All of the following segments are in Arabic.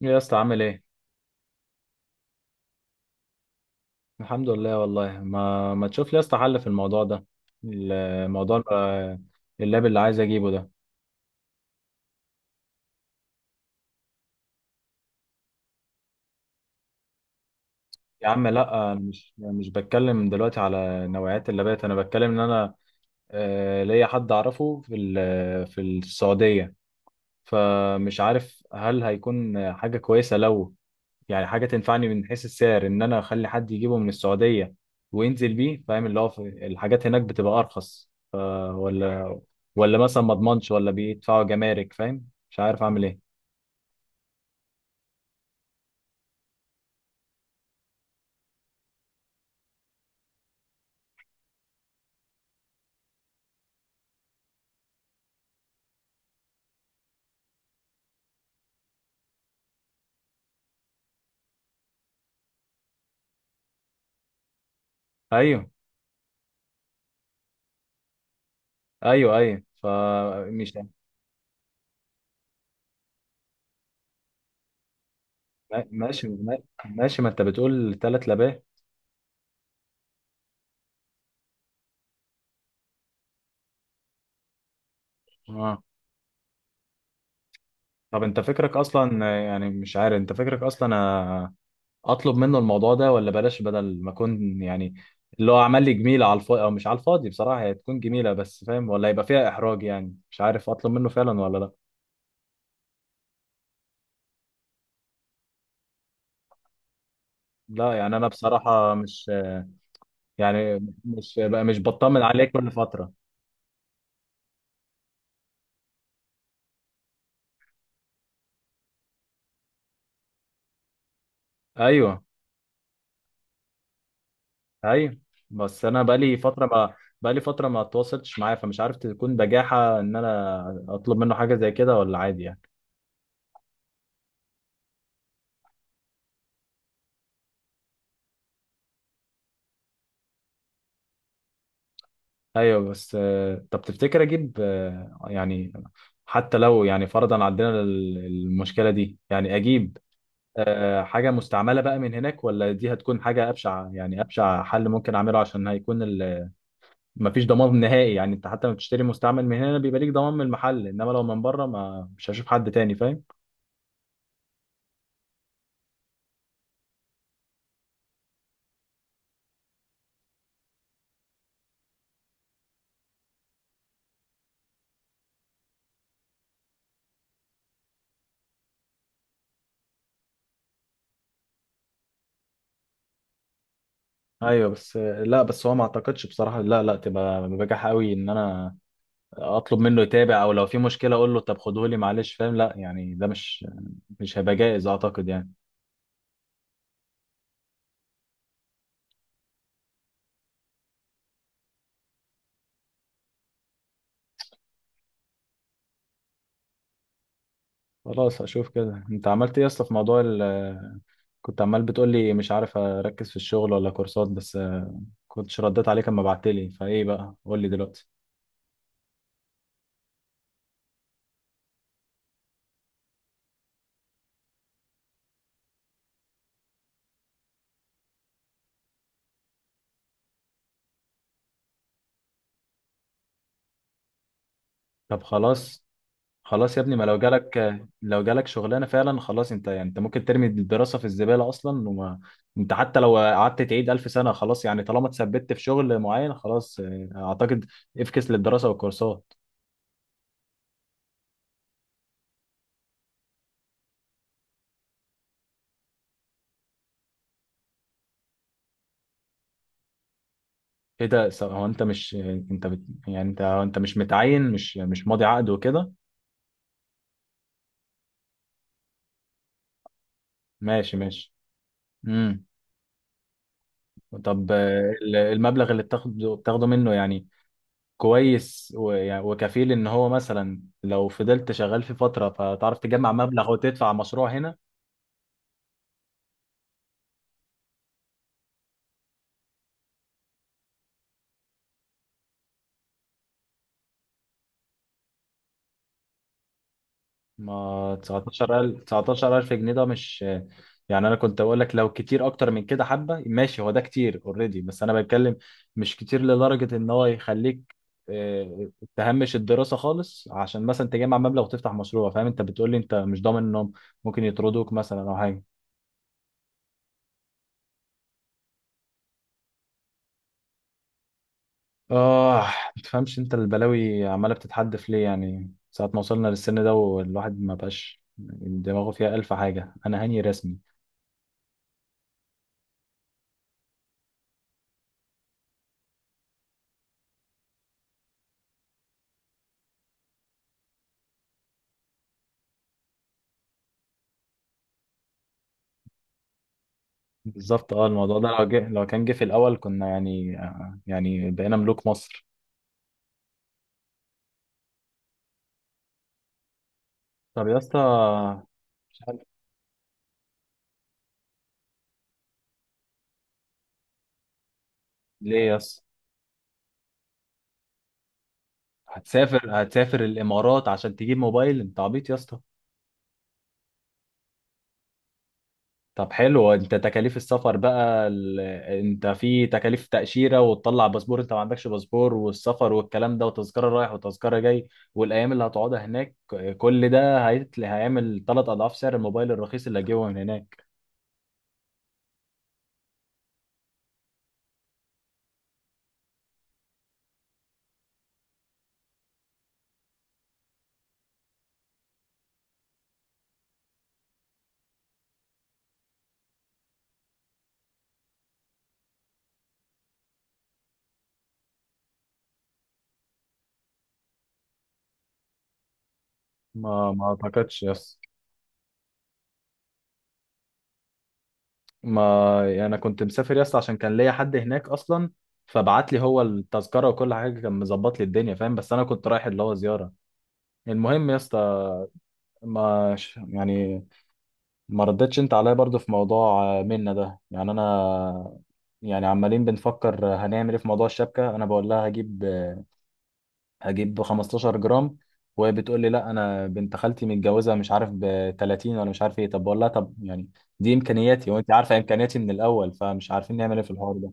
يا اسطى عامل ايه؟ الحمد لله. والله ما تشوف لي يا اسطى حل في الموضوع ده. الموضوع بقى- اللاب اللي عايز اجيبه ده. يا عم لا، انا مش بتكلم دلوقتي على نوعيات اللابات، انا بتكلم ان انا ليا حد اعرفه في في السعودية، فمش عارف هل هيكون حاجة كويسة، لو يعني حاجة تنفعني من حيث السعر، ان انا اخلي حد يجيبه من السعودية وينزل بيه، فاهم؟ اللي هو الحاجات هناك بتبقى ارخص، ولا ولا مثلا ما اضمنش، ولا بيدفعوا جمارك، فاهم؟ مش عارف اعمل ايه. ايوه، ايوه، ايوه، فمش، ماشي، ماشي. ما انت بتقول ثلاث لباه. اه، طب انت فكرك اصلا، يعني مش عارف، انت فكرك اصلا اطلب منه الموضوع ده، ولا بلاش، بدل ما اكون يعني اللي هو عمل لي جميله على الفاضي، او مش على الفاضي بصراحه هي تكون جميله، بس فاهم؟ ولا يبقى فيها احراج، يعني مش عارف اطلب منه فعلا ولا لا. لا، يعني انا بصراحه مش، يعني مش مش بطمن عليه كل فتره. ايوه، ايوه، بس انا بقالي فتره ما اتواصلتش معاه، فمش عارف تكون بجاحه ان انا اطلب منه حاجه زي كده، ولا عادي يعني؟ ايوه، بس طب تفتكر اجيب يعني حتى لو يعني فرضا عندنا المشكله دي، يعني اجيب حاجه مستعمله بقى من هناك، ولا دي هتكون حاجه ابشع، يعني ابشع حل ممكن اعمله؟ عشان هيكون مفيش ضمان نهائي، يعني انت حتى لما بتشتري مستعمل من هنا بيبقى ليك ضمان من المحل، انما لو من بره ما مش هشوف حد تاني، فاهم؟ ايوه، بس لا، بس هو ما اعتقدش بصراحه، لا، لا تبقى بجاح قوي ان انا اطلب منه يتابع، او لو في مشكله اقول له طب خدهولي، معلش فاهم؟ لا يعني ده مش هيبقى جائز اعتقد يعني. خلاص، هشوف كده. انت عملت ايه اصلا في موضوع ال كنت عمال بتقول لي مش عارف اركز في الشغل ولا كورسات، بس كنتش رديت عليك اما بعت لي، فايه بقى؟ قول لي دلوقتي. طب خلاص، خلاص يا ابني، ما لو جالك، لو جالك شغلانه فعلا خلاص، انت يعني انت ممكن ترمي الدراسه في الزباله اصلا، وما انت حتى لو قعدت تعيد الف سنه خلاص، يعني طالما اتثبت في شغل معين خلاص، اه اعتقد افكس للدراسه والكورسات. ايه ده هو انت مش، انت بت، يعني انت، هو انت مش متعين، مش ماضي عقد وكده؟ ماشي، ماشي. امم. طب اه، المبلغ اللي بتاخده، بتاخده منه يعني كويس يعني وكفيل ان هو مثلا لو فضلت شغال في فتره، فتعرف تجمع مبلغ وتدفع مشروع هنا؟ ما 19,000، 19,000 جنيه ده مش، يعني انا كنت اقول لك لو كتير اكتر من كده حبه ماشي، هو ده كتير اوريدي، بس انا بتكلم مش كتير لدرجه ان هو يخليك آه، تهمش الدراسه خالص عشان مثلا تجمع مبلغ وتفتح مشروع، فاهم؟ انت بتقول لي انت مش ضامن انهم ممكن يطردوك مثلا او حاجه. اه. ما تفهمش انت البلاوي عماله بتتحدف ليه، يعني ساعه ما وصلنا للسن ده والواحد ما بقاش دماغه فيها الف حاجه، انا هاني رسمي. بالظبط، اه. الموضوع ده لو جه، لو كان جه في الاول، كنا يعني يعني بقينا ملوك مصر. طب يا اسطى، مش عارف. ليه يا اسطى؟ هتسافر، هتسافر الامارات عشان تجيب موبايل؟ انت عبيط يا اسطى. طب حلو، انت تكاليف السفر بقى ال، انت في تكاليف تأشيرة وتطلع باسبور، انت ما عندكش باسبور، والسفر والكلام ده، وتذكرة رايح وتذكرة جاي، والايام اللي هتقعدها هناك، كل ده هيتل، هيعمل ثلاث اضعاف سعر الموبايل الرخيص اللي هجيبه من هناك. ما اعتقدش يا اسطى. ما يعني انا كنت مسافر يا اسطى عشان كان ليا حد هناك اصلا، فبعت لي هو التذكره وكل حاجه، كان مظبط لي الدنيا، فاهم؟ بس انا كنت رايح اللي هو زياره. المهم يا اسطى، ما ش- يعني ما ردتش انت عليا برضو في موضوع منة ده، يعني انا، يعني عمالين بنفكر هنعمل ايه في موضوع الشبكه. انا بقول لها هجيب هجيب 15 جرام، وهي بتقول لي لا، انا بنت خالتي متجوزه مش عارف ب 30، ولا مش عارف ايه. طب بقول لها طب، يعني دي امكانياتي، وانت عارفه امكانياتي من الاول، فمش عارفين نعمل ايه في الحوار ده.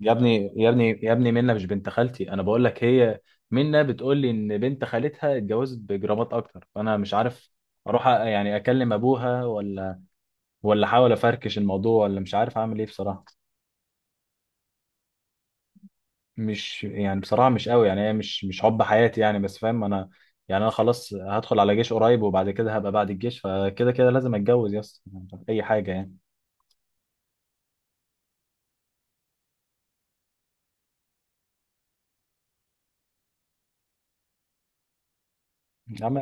يا ابني، يا ابني، يا ابني، منة مش بنت خالتي، انا بقول لك، هي منة بتقول لي ان بنت خالتها اتجوزت بجرامات اكتر، فانا مش عارف اروح يعني اكلم ابوها، ولا ولا احاول افركش الموضوع، ولا مش عارف اعمل ايه بصراحة. مش يعني بصراحة مش قوي، يعني هي مش حب حياتي يعني، بس فاهم؟ انا يعني انا خلاص هدخل على جيش قريب، وبعد كده هبقى بعد الجيش، فكده كده لازم اتجوز يا اسطى اي حاجة يعني. يا عم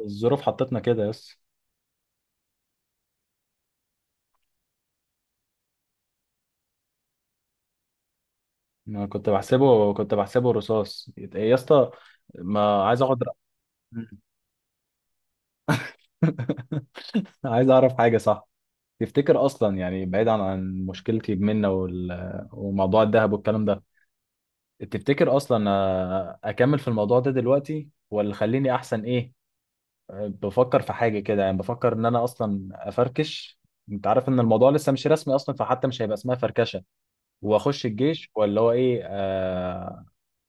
الظروف حطتنا كده يا اسطى. انا كنت بحسبه، كنت بحسبه رصاص إيه يا اسطى؟ ما عايز اقعد. عايز اعرف حاجه، صح؟ تفتكر اصلا، يعني بعيد عن عن مشكلتي بمنة وال، وموضوع الذهب والكلام ده، تفتكر اصلا اكمل في الموضوع ده دلوقتي، ولا خليني احسن؟ ايه بفكر في حاجه كده، يعني بفكر ان انا اصلا افركش. انت عارف ان الموضوع لسه مش رسمي اصلا، فحتى مش هيبقى اسمها فركشه، واخش الجيش، ولا هو ايه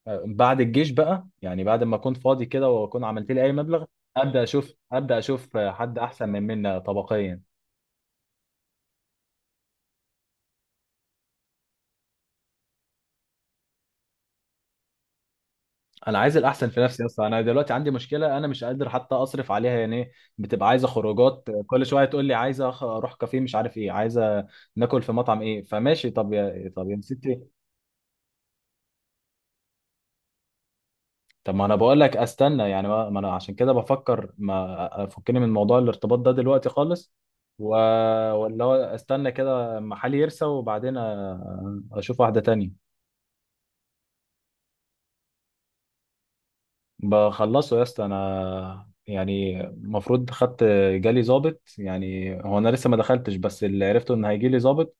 بعد الجيش بقى، يعني بعد ما اكون فاضي كده واكون عملت لي اي مبلغ، ابدا اشوف، ابدا اشوف حد احسن من منا طبقيا. انا عايز الاحسن في نفسي اصلا، انا دلوقتي عندي مشكله انا مش قادر حتى اصرف عليها، يعني إيه، بتبقى عايزه خروجات كل شويه، تقول لي عايزه اروح كافيه، مش عارف ايه، عايزه ناكل في مطعم، ايه فماشي، طب يا، طب يا ستي. طب ما انا بقول لك استنى، يعني ما انا عشان كده بفكر ما افكني من موضوع الارتباط ده دلوقتي خالص. و، ولا هو استنى كده اما حالي يرسى، وبعدين اشوف واحدة تانية. بخلصه يا اسطى انا، يعني المفروض خدت، جالي ظابط، يعني هو انا لسه ما دخلتش، بس اللي عرفته ان هيجي لي ظابط،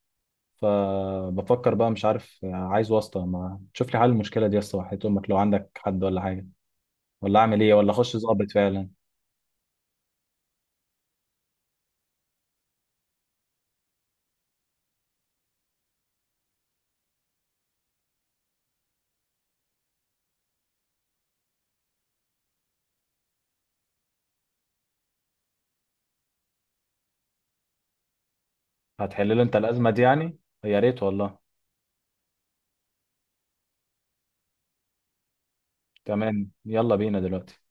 فبفكر بقى مش عارف، عايز واسطة ما تشوف لي حل المشكلة دي يا اسطى، وحياة امك لو عندك حد ولا حاجة، ولا اعمل ايه، ولا اخش ظابط فعلا؟ هتحل له انت الازمه دي يعني؟ يا ريت والله. تمام، يلا بينا دلوقتي.